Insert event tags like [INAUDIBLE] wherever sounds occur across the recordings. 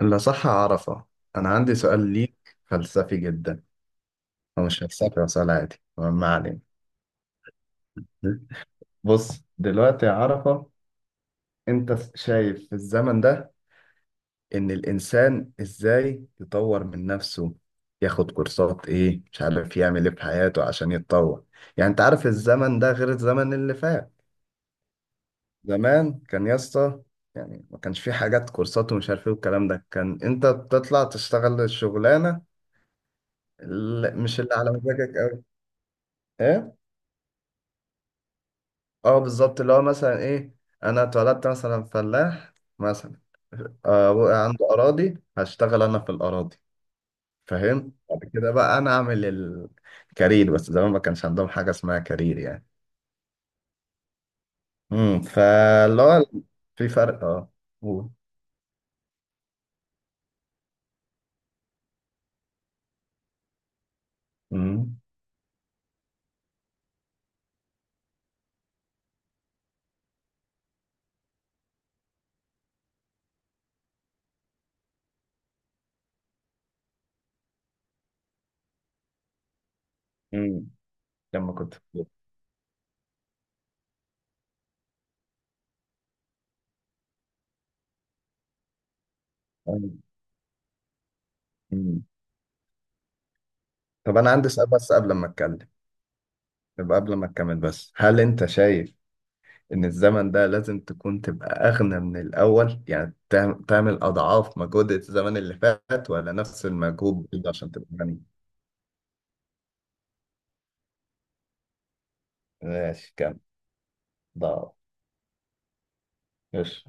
لا، صح عرفة. أنا عندي سؤال ليك فلسفي جدا. هو مش فلسفي، هو سؤال عادي. ما علينا. بص دلوقتي يا عرفة، أنت شايف في الزمن ده إن الإنسان إزاي يطور من نفسه، ياخد كورسات إيه، مش عارف يعمل إيه في حياته عشان يتطور. يعني أنت عارف الزمن ده غير الزمن اللي فات. زمان كان يا اسطى، يعني ما كانش في حاجات كورسات ومش عارف ايه والكلام ده، كان انت بتطلع تشتغل الشغلانه اللي مش اللي على مزاجك قوي. ايه. اه بالظبط. اللي هو مثلا ايه، انا اتولدت مثلا فلاح مثلا. آه، ابويا عنده اراضي، هشتغل انا في الاراضي. فاهم؟ بعد كده بقى انا اعمل الكارير، بس زمان ما كانش عندهم حاجه اسمها كارير يعني. فاللي هو في فرق. اه. قول. امم. امم. لما كنت في- أمم. طب انا عندي سؤال، بس قبل ما اتكلم، يبقى قبل ما اكمل، بس هل انت شايف ان الزمن ده لازم تكون تبقى اغنى من الاول، يعني تعمل اضعاف مجهود الزمن اللي فات، ولا نفس المجهود برضه عشان تبقى غني؟ ماشي. كام ضعف؟ ماشي.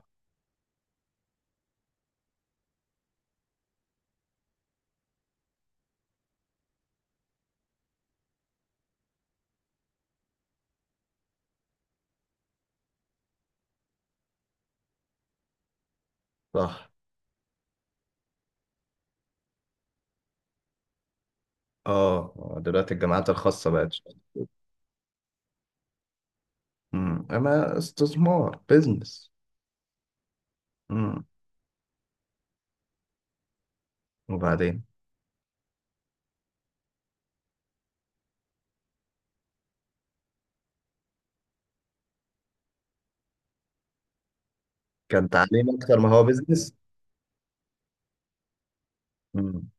صح. اه دلوقتي الجامعات الخاصة بقت. امم. اما استثمار بيزنس. امم. وبعدين، كان تعليم اكتر ما هو بيزنس. امم.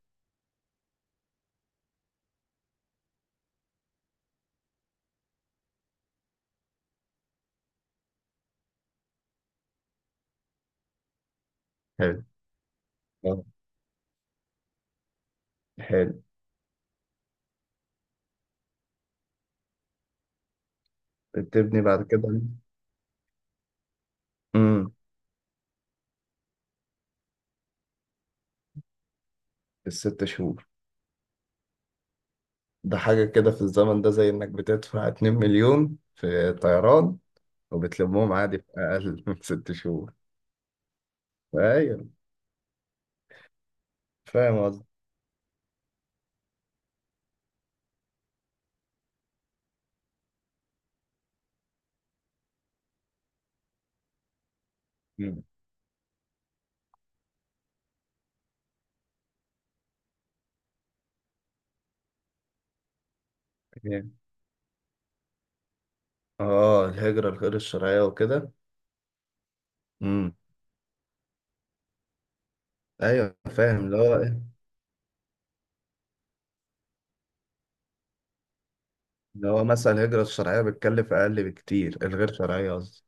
حلو. آه، حلو. بتبني بعد كده. امم. الست شهور. ده حاجة كده في الزمن ده زي إنك بتدفع 2 مليون في طيران، وبتلمهم عادي في أقل [LAUGHS] من ست شهور. أيوه. فاهم قصدي. مم. اه الهجرة الغير الشرعية وكده. امم. أيوه فاهم. اللي هو إيه؟ اللي هو مثلا الهجرة الشرعية بتكلف أقل بكتير، الغير شرعية قصدي.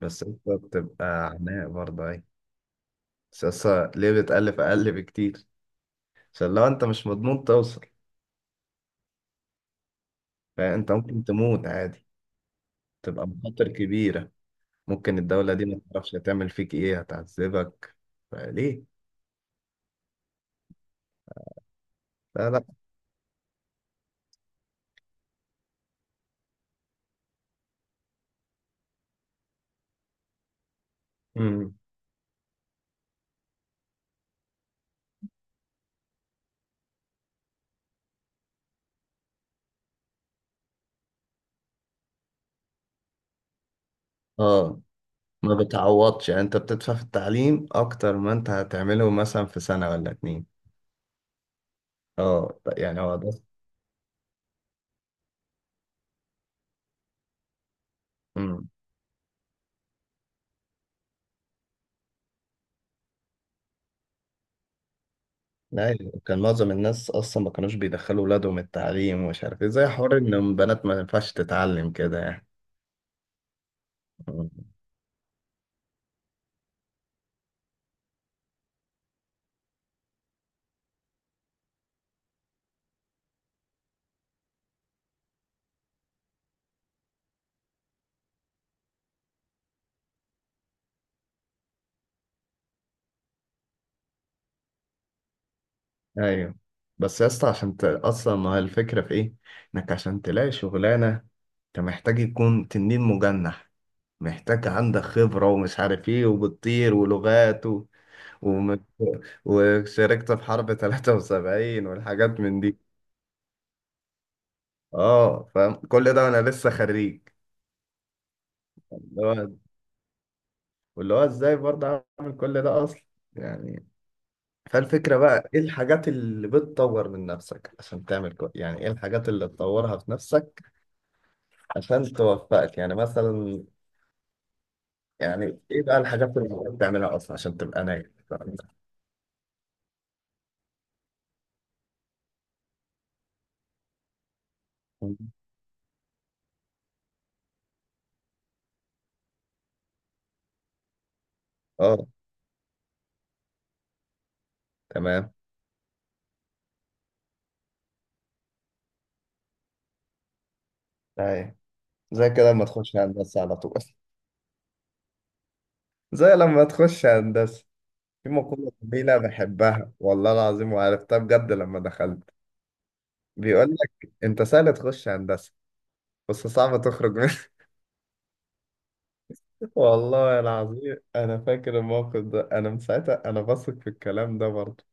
بس أنت بتبقى عناء برضه. أيوه. بس أصلا ليه بتألف أقل بكتير؟ عشان لو أنت مش مضمون توصل، فأنت ممكن تموت عادي. تبقى مخاطر كبيرة. ممكن الدولة دي ما تعرفش هتعمل فيك إيه، هتعذبك، فليه؟ لا، لا. امم. اه، ما بتعوضش. يعني انت بتدفع في التعليم اكتر ما انت هتعمله مثلا في سنة ولا اتنين. اه يعني هو ده. امم. لا، يعني كان معظم الناس اصلا ما كانوش بيدخلوا ولادهم التعليم، ومش عارف ايه، زي حوار ان بنات ما ينفعش تتعلم كده يعني. مم. ايوه. بس يا اسطى عشان اصلا ما هي الفكرة في ايه؟ انك عشان تلاقي شغلانة، انت محتاج يكون تنين مجنح، محتاج عندك خبرة ومش عارف ايه وبتطير ولغات ومت... وشاركت في حرب 73 والحاجات من دي. اه فاهم كل ده وانا لسه خريج. اللي هو واللي هو ازاي برضه اعمل كل ده اصلا يعني. فالفكرة بقى، ايه الحاجات اللي بتطور من نفسك عشان تعمل يعني ايه الحاجات اللي تطورها في نفسك عشان توفقك، يعني مثلا، يعني ايه بقى الحاجات اللي بتعملها اصلا عشان تبقى ناجح؟ [LAUGHS] اه. تمام. ايوه. زي كده لما تخش هندسة على طول. [LAUGHS] زي لما تخش هندسة. في مقولة جميلة بحبها والله العظيم وعرفتها بجد لما دخلت. بيقول لك: انت سهل تخش هندسة، بس صعب تخرج منها. [LAUGHS] والله العظيم انا فاكر الموقف ده، انا من ساعتها انا بثق في الكلام ده برضه.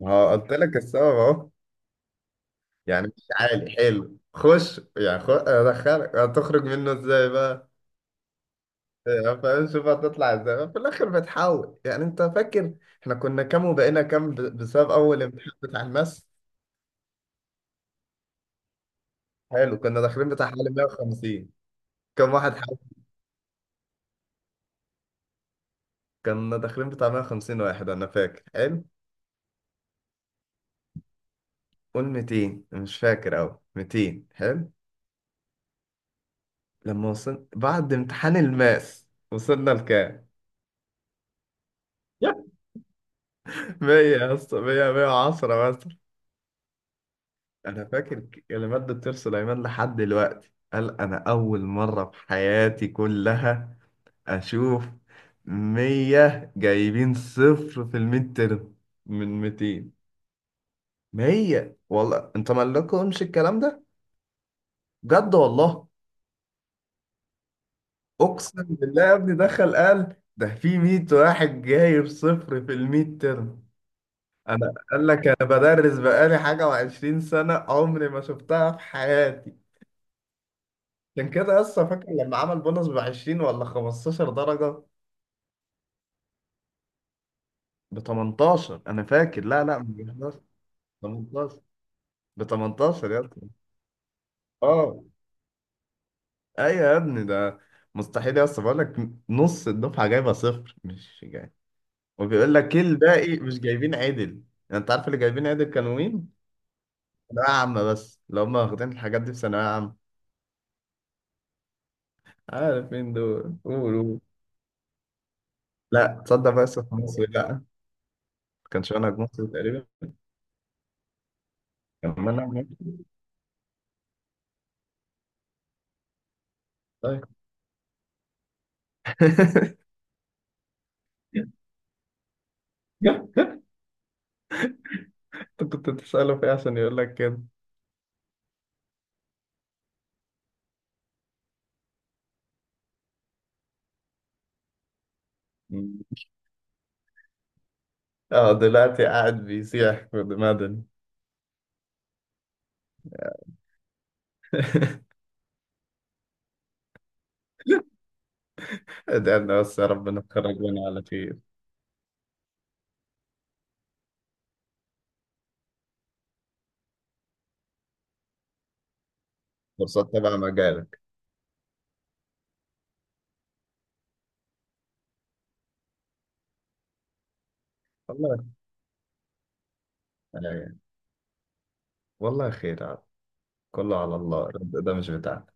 ما هو قلت لك السبب اهو. يعني مش عالي، حلو، خش. يعني ادخلك هتخرج منه ازاي بقى؟ يعني فاهم. شوف هتطلع ازاي في الاخر بتحاول. يعني انت فاكر احنا كنا كام وبقينا كام بسبب اول امتحان بتاع الماس. حلو. كنا داخلين بتاع حوالي 150. كم واحد حاول؟ كنا داخلين بتاع 150 واحد، انا فاكر حلو. قول 200، مش فاكر اوي. 200 حلو. لما وصلنا بعد امتحان الماس وصلنا لكام؟ [LAUGHS] 100 يا اسطى. 100، 110 مثلا. انا فاكر كلمات دكتور سليمان لحد دلوقتي، قال: انا اول مره في حياتي كلها اشوف 100 جايبين صفر في الميد ترم من 200. 100، والله انت مالكمش الكلام ده، بجد والله. اقسم بالله يا ابني، دخل قال ده في 100 واحد جايب صفر في الميد ترم. انا قال لك، انا بدرس بقالي حاجه و20 سنه، عمري ما شفتها في حياتي. عشان كده لسه فاكر لما عمل بونص ب 20 ولا 15 درجه. ب 18 انا فاكر. لا، لا، مش 11، 18. ب 18 يا ابني. اه، ايوه يا ابني، ده مستحيل يا اسطى، بقول لك نص الدفعه جايبه صفر مش جاي. وبيقول لك إيه، الباقي مش جايبين عدل. يعني انت عارف اللي جايبين عدل كانوا مين؟ ثانوية عامة. بس لو هم واخدين الحاجات دي في ثانوية عامة، عارف مين دول؟ قول، قول. لا، تصدق بس في مصر، لا ما كانش منهج مصر تقريبا. كان منهج مصر. طيب. [LAUGHS] انت كنت بتسأله في ايه عشان يقول لك كده؟ اه دلوقتي قاعد بيسيح في مدني. [LAUGHS] ادعنا بس يا ربنا تخرجنا على خير. فرصات تبع مجالك. والله يعني. والله خير عاد. كله على الله، الرزق ده مش بتاعنا